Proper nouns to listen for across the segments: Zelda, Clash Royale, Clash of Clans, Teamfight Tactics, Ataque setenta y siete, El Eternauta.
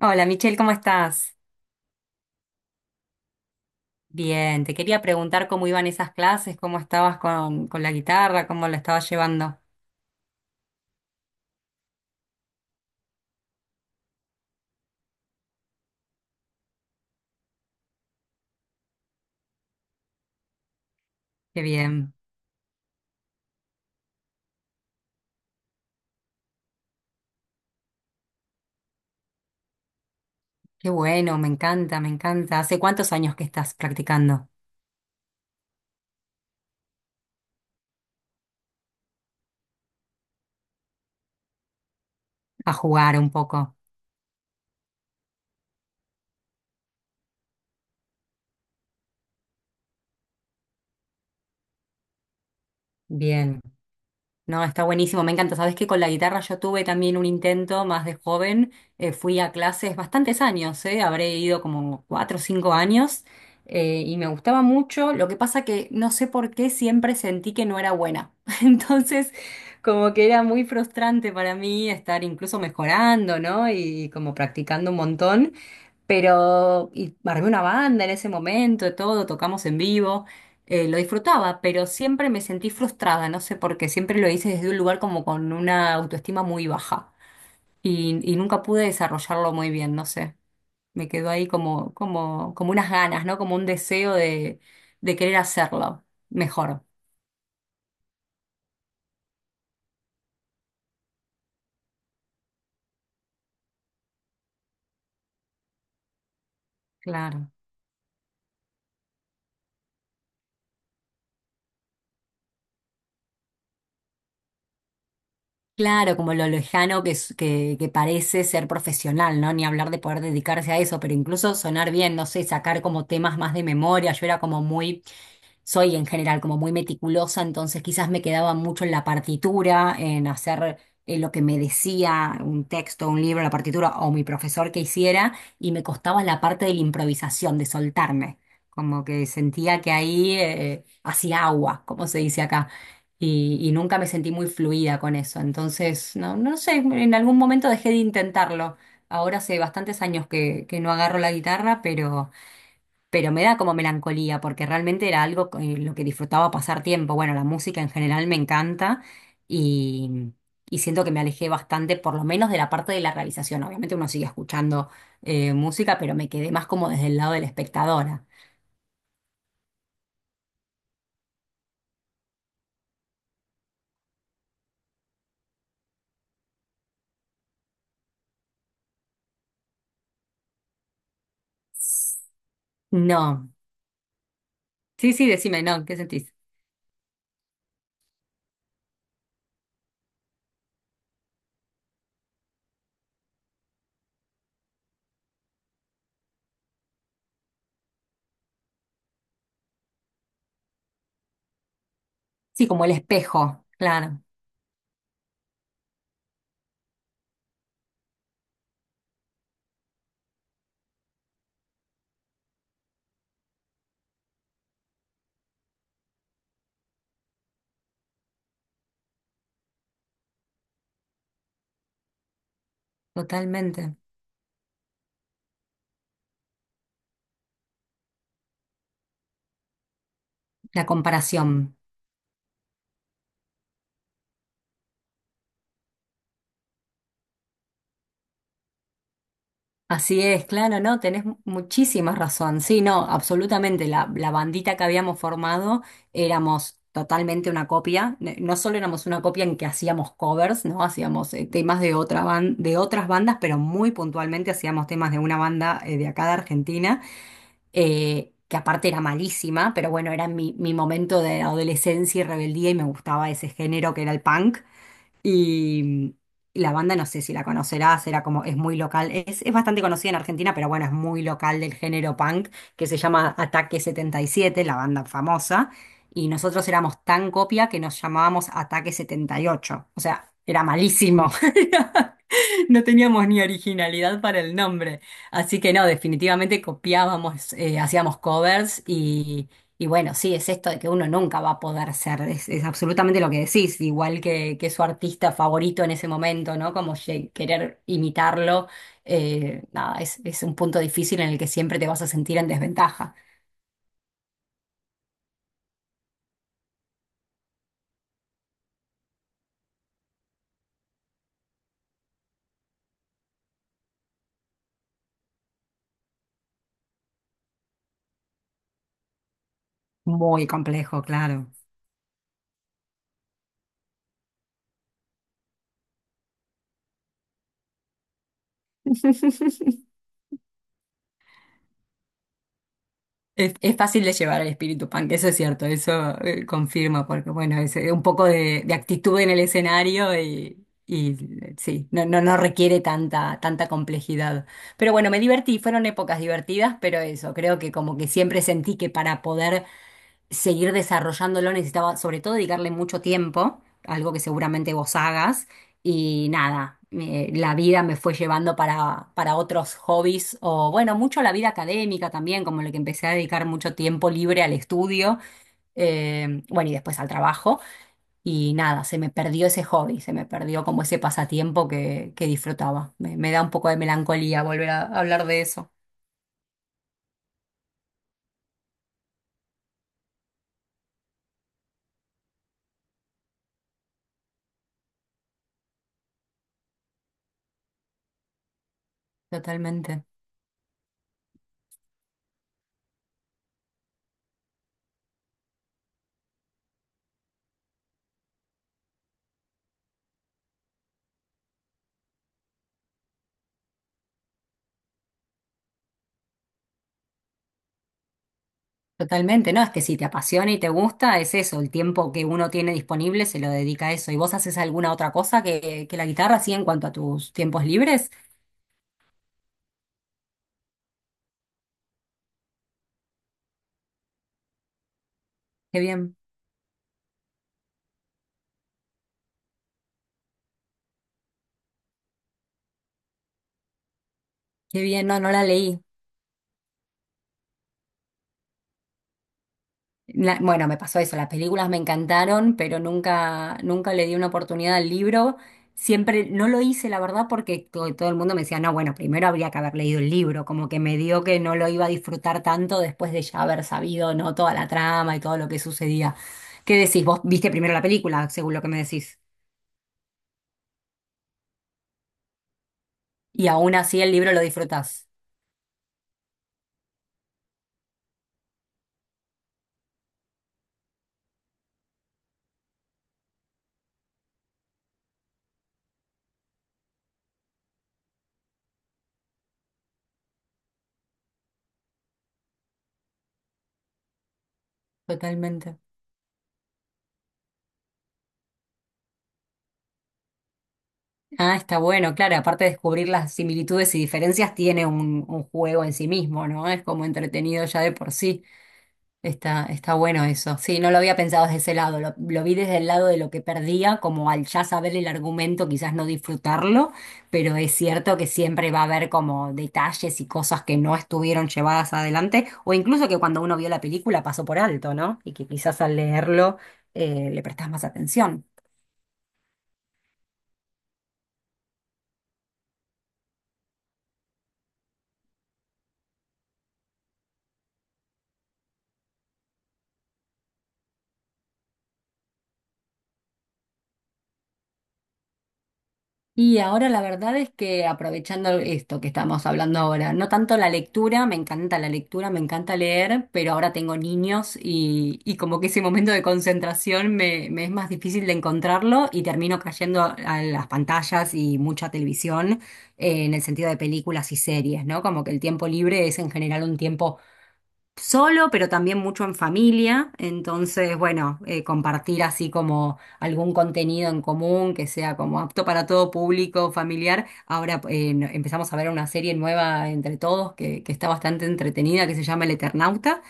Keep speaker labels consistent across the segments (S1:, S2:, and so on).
S1: Hola Michelle, ¿cómo estás? Bien, te quería preguntar cómo iban esas clases, cómo estabas con la guitarra, cómo la estabas llevando. Qué bien, qué bueno, me encanta. ¿Hace cuántos años que estás practicando a jugar un poco? Bien. No, está buenísimo, me encanta. Sabes que con la guitarra yo tuve también un intento más de joven. Fui a clases bastantes años, habré ido como cuatro o cinco años y me gustaba mucho. Lo que pasa que no sé por qué siempre sentí que no era buena. Entonces, como que era muy frustrante para mí estar incluso mejorando, ¿no? Y como practicando un montón. Pero, y armé una banda en ese momento, todo, tocamos en vivo, lo disfrutaba, pero siempre me sentí frustrada, no sé por qué, siempre lo hice desde un lugar como con una autoestima muy baja y nunca pude desarrollarlo muy bien, no sé, me quedó ahí como unas ganas, ¿no? Como un deseo de querer hacerlo mejor, claro. Claro, como lo lejano que parece ser profesional, ¿no? Ni hablar de poder dedicarse a eso, pero incluso sonar bien, no sé, sacar como temas más de memoria. Yo era como muy, soy en general como muy meticulosa, entonces quizás me quedaba mucho en la partitura, en hacer lo que me decía un texto, un libro, la partitura o mi profesor que hiciera, y me costaba la parte de la improvisación, de soltarme. Como que sentía que ahí hacía agua, como se dice acá y nunca me sentí muy fluida con eso. Entonces, no sé, en algún momento dejé de intentarlo. Ahora hace bastantes años que no agarro la guitarra, pero me da como melancolía, porque realmente era algo en lo que disfrutaba pasar tiempo. Bueno, la música en general me encanta y, y siento que me alejé bastante, por lo menos de la parte de la realización. Obviamente uno sigue escuchando música, pero me quedé más como desde el lado de la espectadora. No. Sí, sí, decime, no, ¿qué sentís? Sí, como el espejo, claro. Totalmente, la comparación. Así es, claro, no, tenés muchísima razón. Sí, no, absolutamente. La bandita que habíamos formado éramos totalmente una copia. No solo éramos una copia en que hacíamos covers, ¿no? Hacíamos temas de de otras bandas, pero muy puntualmente hacíamos temas de una banda de acá de Argentina, que aparte era malísima, pero bueno, era mi momento de adolescencia y rebeldía y me gustaba ese género que era el punk. Y la banda no sé si la conocerás, era como, es muy local, es bastante conocida en Argentina, pero bueno, es muy local del género punk, que se llama Ataque 77, la banda famosa, y nosotros éramos tan copia que nos llamábamos Ataque 78, o sea, era malísimo. No teníamos ni originalidad para el nombre. Así que no, definitivamente copiábamos, hacíamos covers y bueno, sí, es esto de que uno nunca va a poder ser, es absolutamente lo que decís, igual que su artista favorito en ese momento, ¿no? Como querer imitarlo, nada, es un punto difícil en el que siempre te vas a sentir en desventaja. Muy complejo, claro. Es fácil de llevar el espíritu punk, eso es cierto, eso confirmo, porque bueno, es un poco de actitud en el escenario y, y sí, no requiere tanta, tanta complejidad. Pero bueno, me divertí, fueron épocas divertidas, pero eso, creo que como que siempre sentí que para poder seguir desarrollándolo necesitaba sobre todo dedicarle mucho tiempo, algo que seguramente vos hagas, y nada, la vida me fue llevando para otros hobbies, o bueno, mucho la vida académica también, como lo que empecé a dedicar mucho tiempo libre al estudio, bueno, y después al trabajo, y nada, se me perdió ese hobby, se me perdió como ese pasatiempo que disfrutaba. Me da un poco de melancolía volver a hablar de eso, totalmente. Totalmente, no, es que si te apasiona y te gusta, es eso, el tiempo que uno tiene disponible se lo dedica a eso. ¿Y vos haces alguna otra cosa que la guitarra, así en cuanto a tus tiempos libres? Qué bien, qué bien, no, no la leí. Bueno, me pasó eso, las películas me encantaron, pero nunca, nunca le di una oportunidad al libro. Siempre no lo hice, la verdad, porque todo el mundo me decía, no, bueno, primero habría que haber leído el libro, como que me dio que no lo iba a disfrutar tanto después de ya haber sabido, ¿no? Toda la trama y todo lo que sucedía. ¿Qué decís? Vos viste primero la película, según lo que me decís, y aún así el libro lo disfrutás. Totalmente. Ah, está bueno, claro, aparte de descubrir las similitudes y diferencias, tiene un juego en sí mismo, ¿no? Es como entretenido ya de por sí. Está, está bueno eso. Sí, no lo había pensado desde ese lado. Lo vi desde el lado de lo que perdía, como al ya saber el argumento, quizás no disfrutarlo, pero es cierto que siempre va a haber como detalles y cosas que no estuvieron llevadas adelante, o incluso que cuando uno vio la película pasó por alto, ¿no? Y que quizás al leerlo le prestás más atención. Y ahora la verdad es que aprovechando esto que estamos hablando ahora, no tanto la lectura, me encanta la lectura, me encanta leer, pero ahora tengo niños y como que ese momento de concentración me es más difícil de encontrarlo y termino cayendo a las pantallas y mucha televisión en el sentido de películas y series, ¿no? Como que el tiempo libre es en general un tiempo solo, pero también mucho en familia. Entonces, bueno, compartir así como algún contenido en común que sea como apto para todo público, familiar. Ahora empezamos a ver una serie nueva entre todos que está bastante entretenida, que se llama El Eternauta.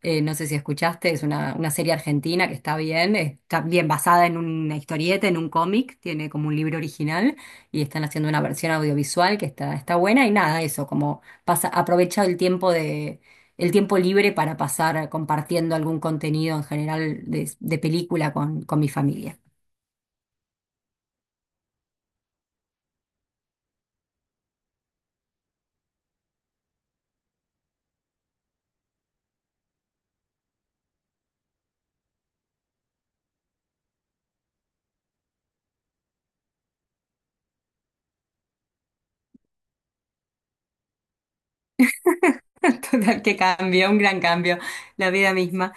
S1: No sé si escuchaste, es una serie argentina que está bien basada en una historieta, en un cómic, tiene como un libro original y están haciendo una versión audiovisual que está, está buena y nada, eso, como pasa, aprovecha el tiempo de, el tiempo libre para pasar compartiendo algún contenido en general de película con mi familia. Total, qué cambio, un gran cambio, la vida misma.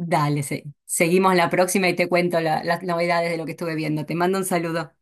S1: Dale, seguimos la próxima y te cuento las novedades de lo que estuve viendo. Te mando un saludo.